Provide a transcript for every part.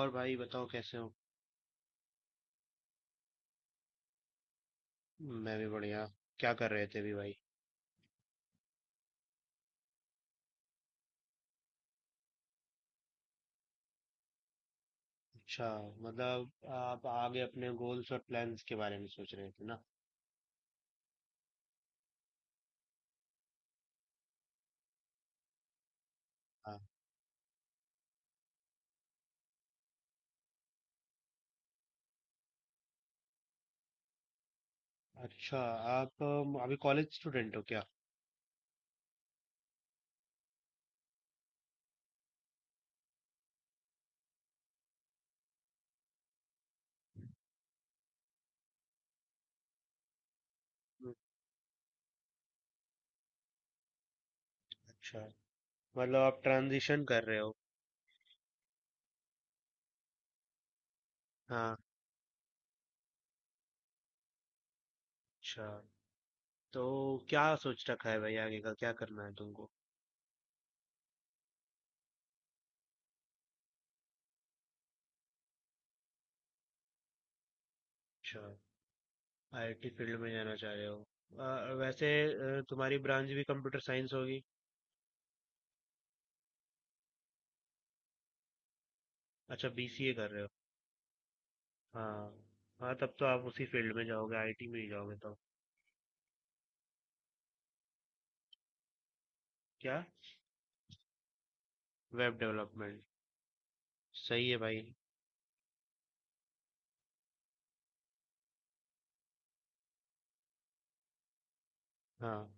और भाई बताओ, कैसे हो। मैं भी बढ़िया। क्या कर रहे थे अभी भाई। अच्छा। मतलब आप आगे अपने गोल्स और प्लान्स के बारे में सोच रहे थे ना। हाँ। अच्छा। आप अभी कॉलेज स्टूडेंट हो क्या। हम्म, अच्छा, मतलब आप ट्रांजिशन कर रहे हो। हाँ। अच्छा। तो क्या सोच रखा है भाई, आगे का क्या करना है तुमको। अच्छा, आईटी फील्ड में जाना चाह रहे हो। वैसे तुम्हारी ब्रांच भी कंप्यूटर साइंस होगी। अच्छा, बीसीए कर रहे हो। हाँ, हाँ तब तो आप उसी फील्ड में जाओगे, आईटी में ही जाओगे तो। क्या। Web development. सही है भाई। हाँ,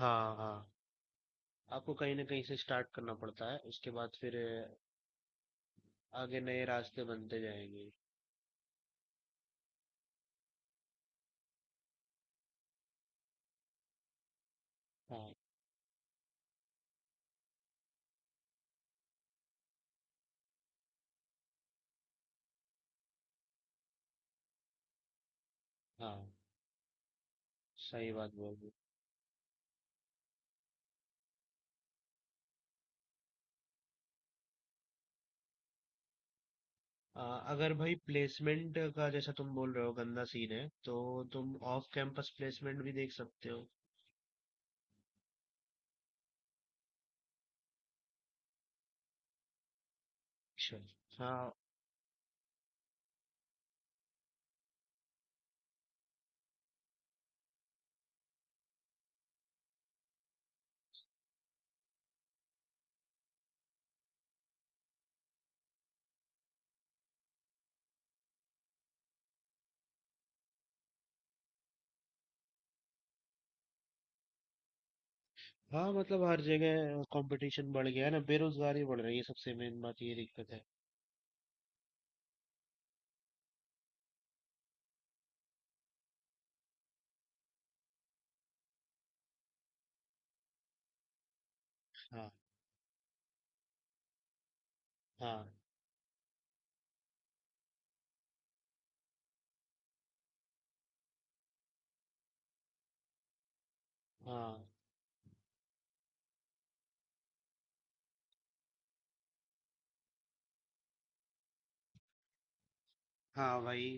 हाँ, हाँ, आपको कहीं ना कहीं से स्टार्ट करना पड़ता है, उसके बाद फिर आगे नए रास्ते बनते जाएंगे। हाँ, हाँ, सही बात बोल रहे हो। अगर भाई प्लेसमेंट का जैसा तुम बोल रहे हो गंदा सीन है, तो तुम ऑफ कैंपस प्लेसमेंट भी देख सकते हो। अच्छा। हाँ। हाँ, मतलब हर जगह कंपटीशन बढ़ गया है ना, बेरोजगारी बढ़ रही है, सबसे मेन बात ये दिक्कत है। हाँ। हाँ। हाँ। हाँ वही,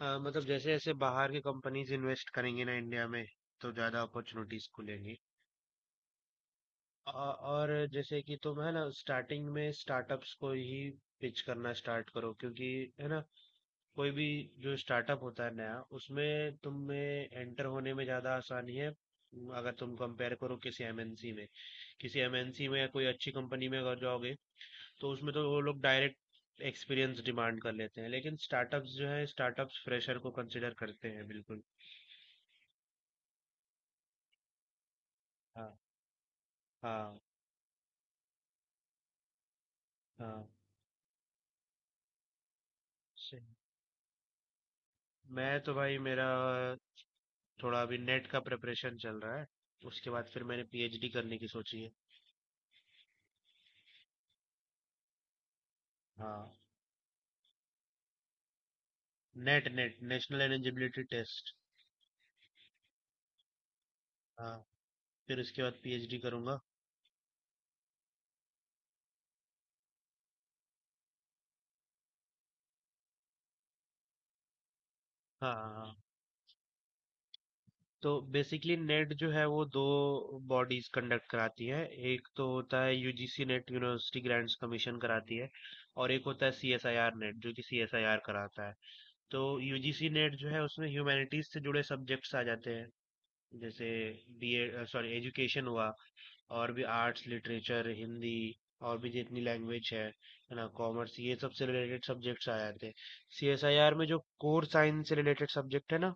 मतलब जैसे जैसे बाहर की कंपनीज इन्वेस्ट करेंगी ना इंडिया में, तो ज्यादा अपॉर्चुनिटीज खुलेंगी। अ- और जैसे कि तुम, है ना, स्टार्टिंग में स्टार्टअप्स को ही पिच करना स्टार्ट करो, क्योंकि, है ना, कोई भी जो स्टार्टअप होता है नया उसमें तुम्हें एंटर होने में ज्यादा आसानी है। अगर तुम कंपेयर करो किसी एमएनसी में, किसी एमएनसी में या कोई अच्छी कंपनी में अगर जाओगे तो उसमें तो वो लोग डायरेक्ट एक्सपीरियंस डिमांड कर लेते हैं, लेकिन स्टार्टअप्स जो है, स्टार्टअप्स फ्रेशर को कंसिडर करते हैं बिल्कुल। हाँ। हाँ। हाँ, सही। मैं तो भाई, मेरा थोड़ा अभी नेट का प्रिपरेशन चल रहा है, उसके बाद फिर मैंने पीएचडी करने की सोची है। हाँ। Net, net national eligibility test. हाँ, फिर उसके बाद पीएचडी करूंगा। हाँ, हाँ तो बेसिकली नेट जो है वो दो बॉडीज कंडक्ट कराती है। एक तो होता है UGC net, university grants commission कराती है, और एक होता है सीएसआईआर नेट जो कि सीएसआईआर कराता है। तो यूजीसी नेट जो है उसमें ह्यूमैनिटीज से जुड़े सब्जेक्ट्स आ जाते हैं। जैसे बीए, सॉरी एजुकेशन हुआ, और भी आर्ट्स, लिटरेचर, हिंदी, और भी जितनी लैंग्वेज है ना, कॉमर्स, ये सब से रिलेटेड सब्जेक्ट्स आ जाते हैं। सीएसआईआर में जो कोर साइंस से रिलेटेड सब्जेक्ट है ना,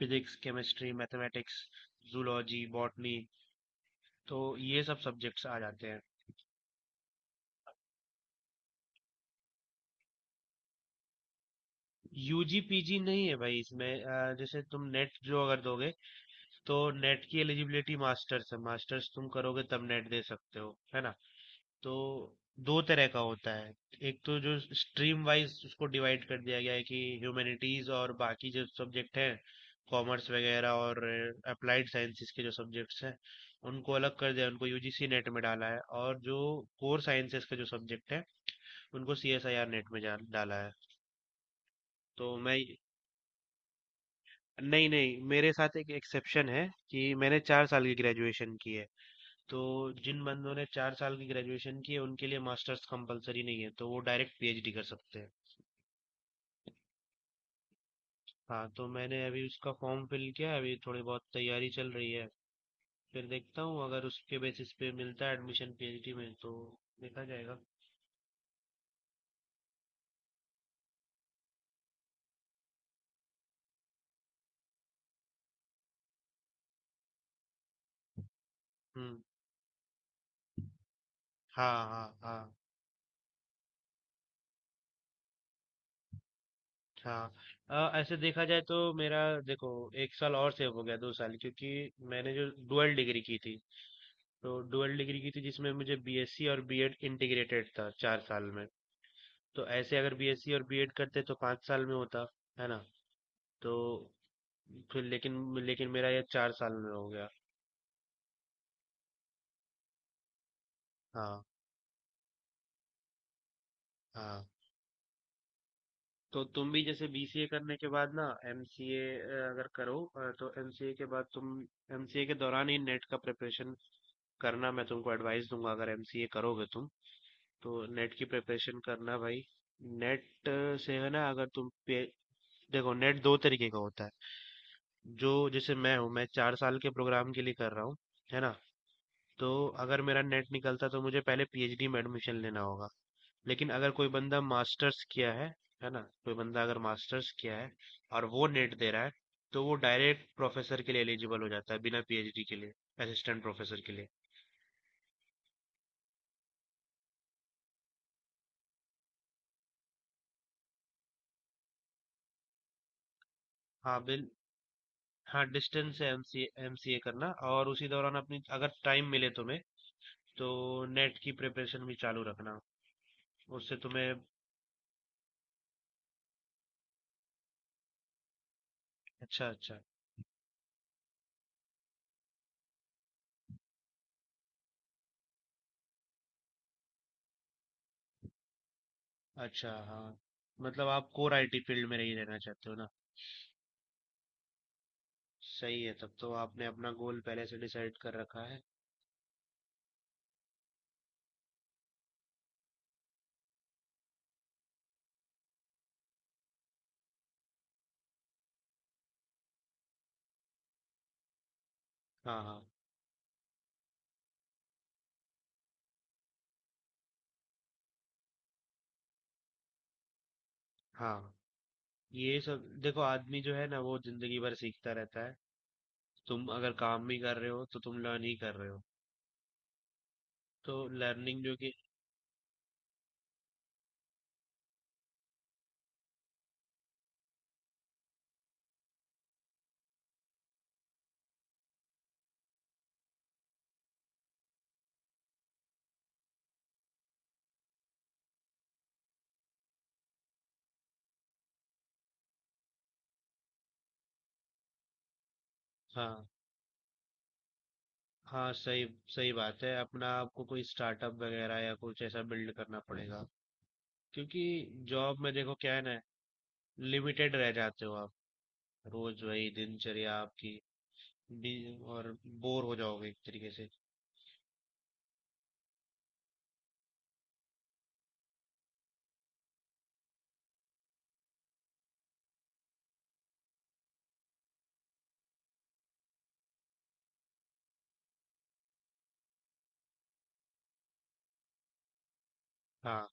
physics, chemistry, mathematics, zoology, botany, तो ये सब सब्जेक्ट्स आ जाते हैं। यूजी पीजी नहीं है भाई, इसमें जैसे तुम नेट जो अगर दोगे, तो नेट की एलिजिबिलिटी मास्टर्स है, मास्टर्स तुम करोगे तब नेट दे सकते हो, है ना। तो दो तरह का होता है। एक तो जो स्ट्रीम वाइज उसको डिवाइड कर दिया गया है कि ह्यूमैनिटीज और बाकी जो सब्जेक्ट हैं, कॉमर्स वगैरह, और अप्लाइड साइंसेज के जो सब्जेक्ट्स हैं, उनको अलग कर दिया, उनको यूजीसी नेट में डाला है, और जो कोर साइंसेज के जो सब्जेक्ट हैं उनको सीएसआईआर नेट में डाला है। तो मैं, नहीं नहीं, मेरे साथ एक एक्सेप्शन है कि मैंने चार साल की ग्रेजुएशन की है। तो जिन बंदों ने चार साल की ग्रेजुएशन की है उनके लिए मास्टर्स कंपलसरी नहीं है, तो वो डायरेक्ट पीएचडी कर सकते हैं। हाँ, तो मैंने अभी उसका फॉर्म फिल किया है, अभी थोड़ी बहुत तैयारी चल रही है। फिर देखता हूँ, अगर उसके बेसिस पे मिलता है एडमिशन पीएचडी में, तो देखा जाएगा। हम्म। हाँ। हाँ। हाँ। हाँ ऐसे देखा जाए तो मेरा, देखो, एक साल और सेव हो गया, दो साल, क्योंकि मैंने जो डुअल डिग्री की थी, तो डुअल डिग्री की थी जिसमें मुझे बीएससी और बीएड इंटीग्रेटेड था चार साल में। तो ऐसे अगर बीएससी और बीएड करते तो पाँच साल में होता, है ना। तो फिर, लेकिन लेकिन मेरा ये चार साल में हो गया। हाँ। हाँ, तो तुम भी जैसे बीसीए करने के बाद ना, एमसीए अगर करो, तो एमसीए के बाद तुम, एमसीए के दौरान ही नेट का प्रिपरेशन करना, मैं तुमको एडवाइस दूंगा। अगर एमसीए करोगे तुम, तो नेट की प्रिपरेशन करना भाई। नेट से, है ना, अगर तुम देखो, नेट दो तरीके का होता है। जो जैसे मैं हूँ, मैं चार साल के प्रोग्राम के लिए कर रहा हूँ, है ना। तो अगर मेरा नेट निकलता तो मुझे पहले पीएचडी में एडमिशन लेना होगा। लेकिन अगर कोई बंदा मास्टर्स किया है ना, कोई बंदा अगर मास्टर्स किया है और वो नेट दे रहा है, तो वो डायरेक्ट प्रोफेसर के लिए एलिजिबल हो जाता है, बिना पीएचडी के लिए, असिस्टेंट प्रोफेसर के लिए। हाँ बिल हाँ, डिस्टेंस से एमसीए, एमसीए करना, और उसी दौरान अपनी, अगर टाइम मिले तुम्हें, तो नेट की प्रिपरेशन भी चालू रखना, उससे तुम्हें। अच्छा, अच्छा, अच्छा। हाँ, मतलब आप कोर आईटी फील्ड में ही रहना चाहते हो ना। सही है, तब तो आपने अपना गोल पहले से डिसाइड कर रखा है। हाँ, हाँ, हाँ, ये सब देखो, आदमी जो है ना वो जिंदगी भर सीखता रहता है। तुम अगर काम भी कर रहे हो तो तुम लर्न ही कर रहे हो। तो लर्निंग जो कि, हाँ, हाँ सही, सही बात है, अपना आपको कोई स्टार्टअप वगैरह या कुछ ऐसा बिल्ड करना पड़ेगा क्योंकि जॉब में देखो क्या है ना, लिमिटेड रह जाते हो आप, रोज वही दिनचर्या आपकी भी, और बोर हो जाओगे एक तरीके से। हाँ।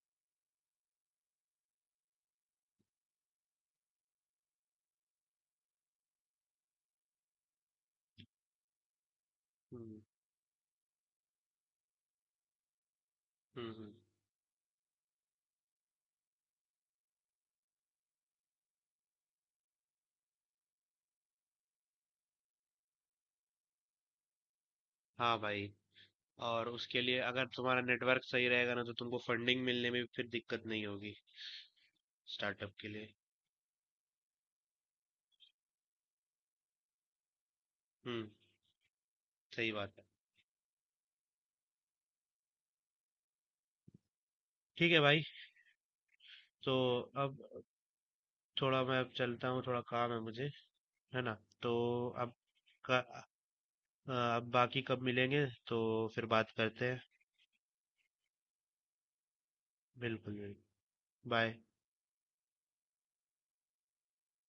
हम्म। हम्म। हम्म। हाँ भाई, और उसके लिए अगर तुम्हारा नेटवर्क सही रहेगा ना, तो तुमको फंडिंग मिलने में भी फिर दिक्कत नहीं होगी स्टार्टअप के लिए। हम्म, सही बात है। ठीक है भाई। तो अब थोड़ा, मैं अब चलता हूँ, थोड़ा काम है मुझे, है ना। तो अब का अब बाकी कब मिलेंगे तो फिर बात करते हैं। बिल्कुल, बिल्कुल। बाय।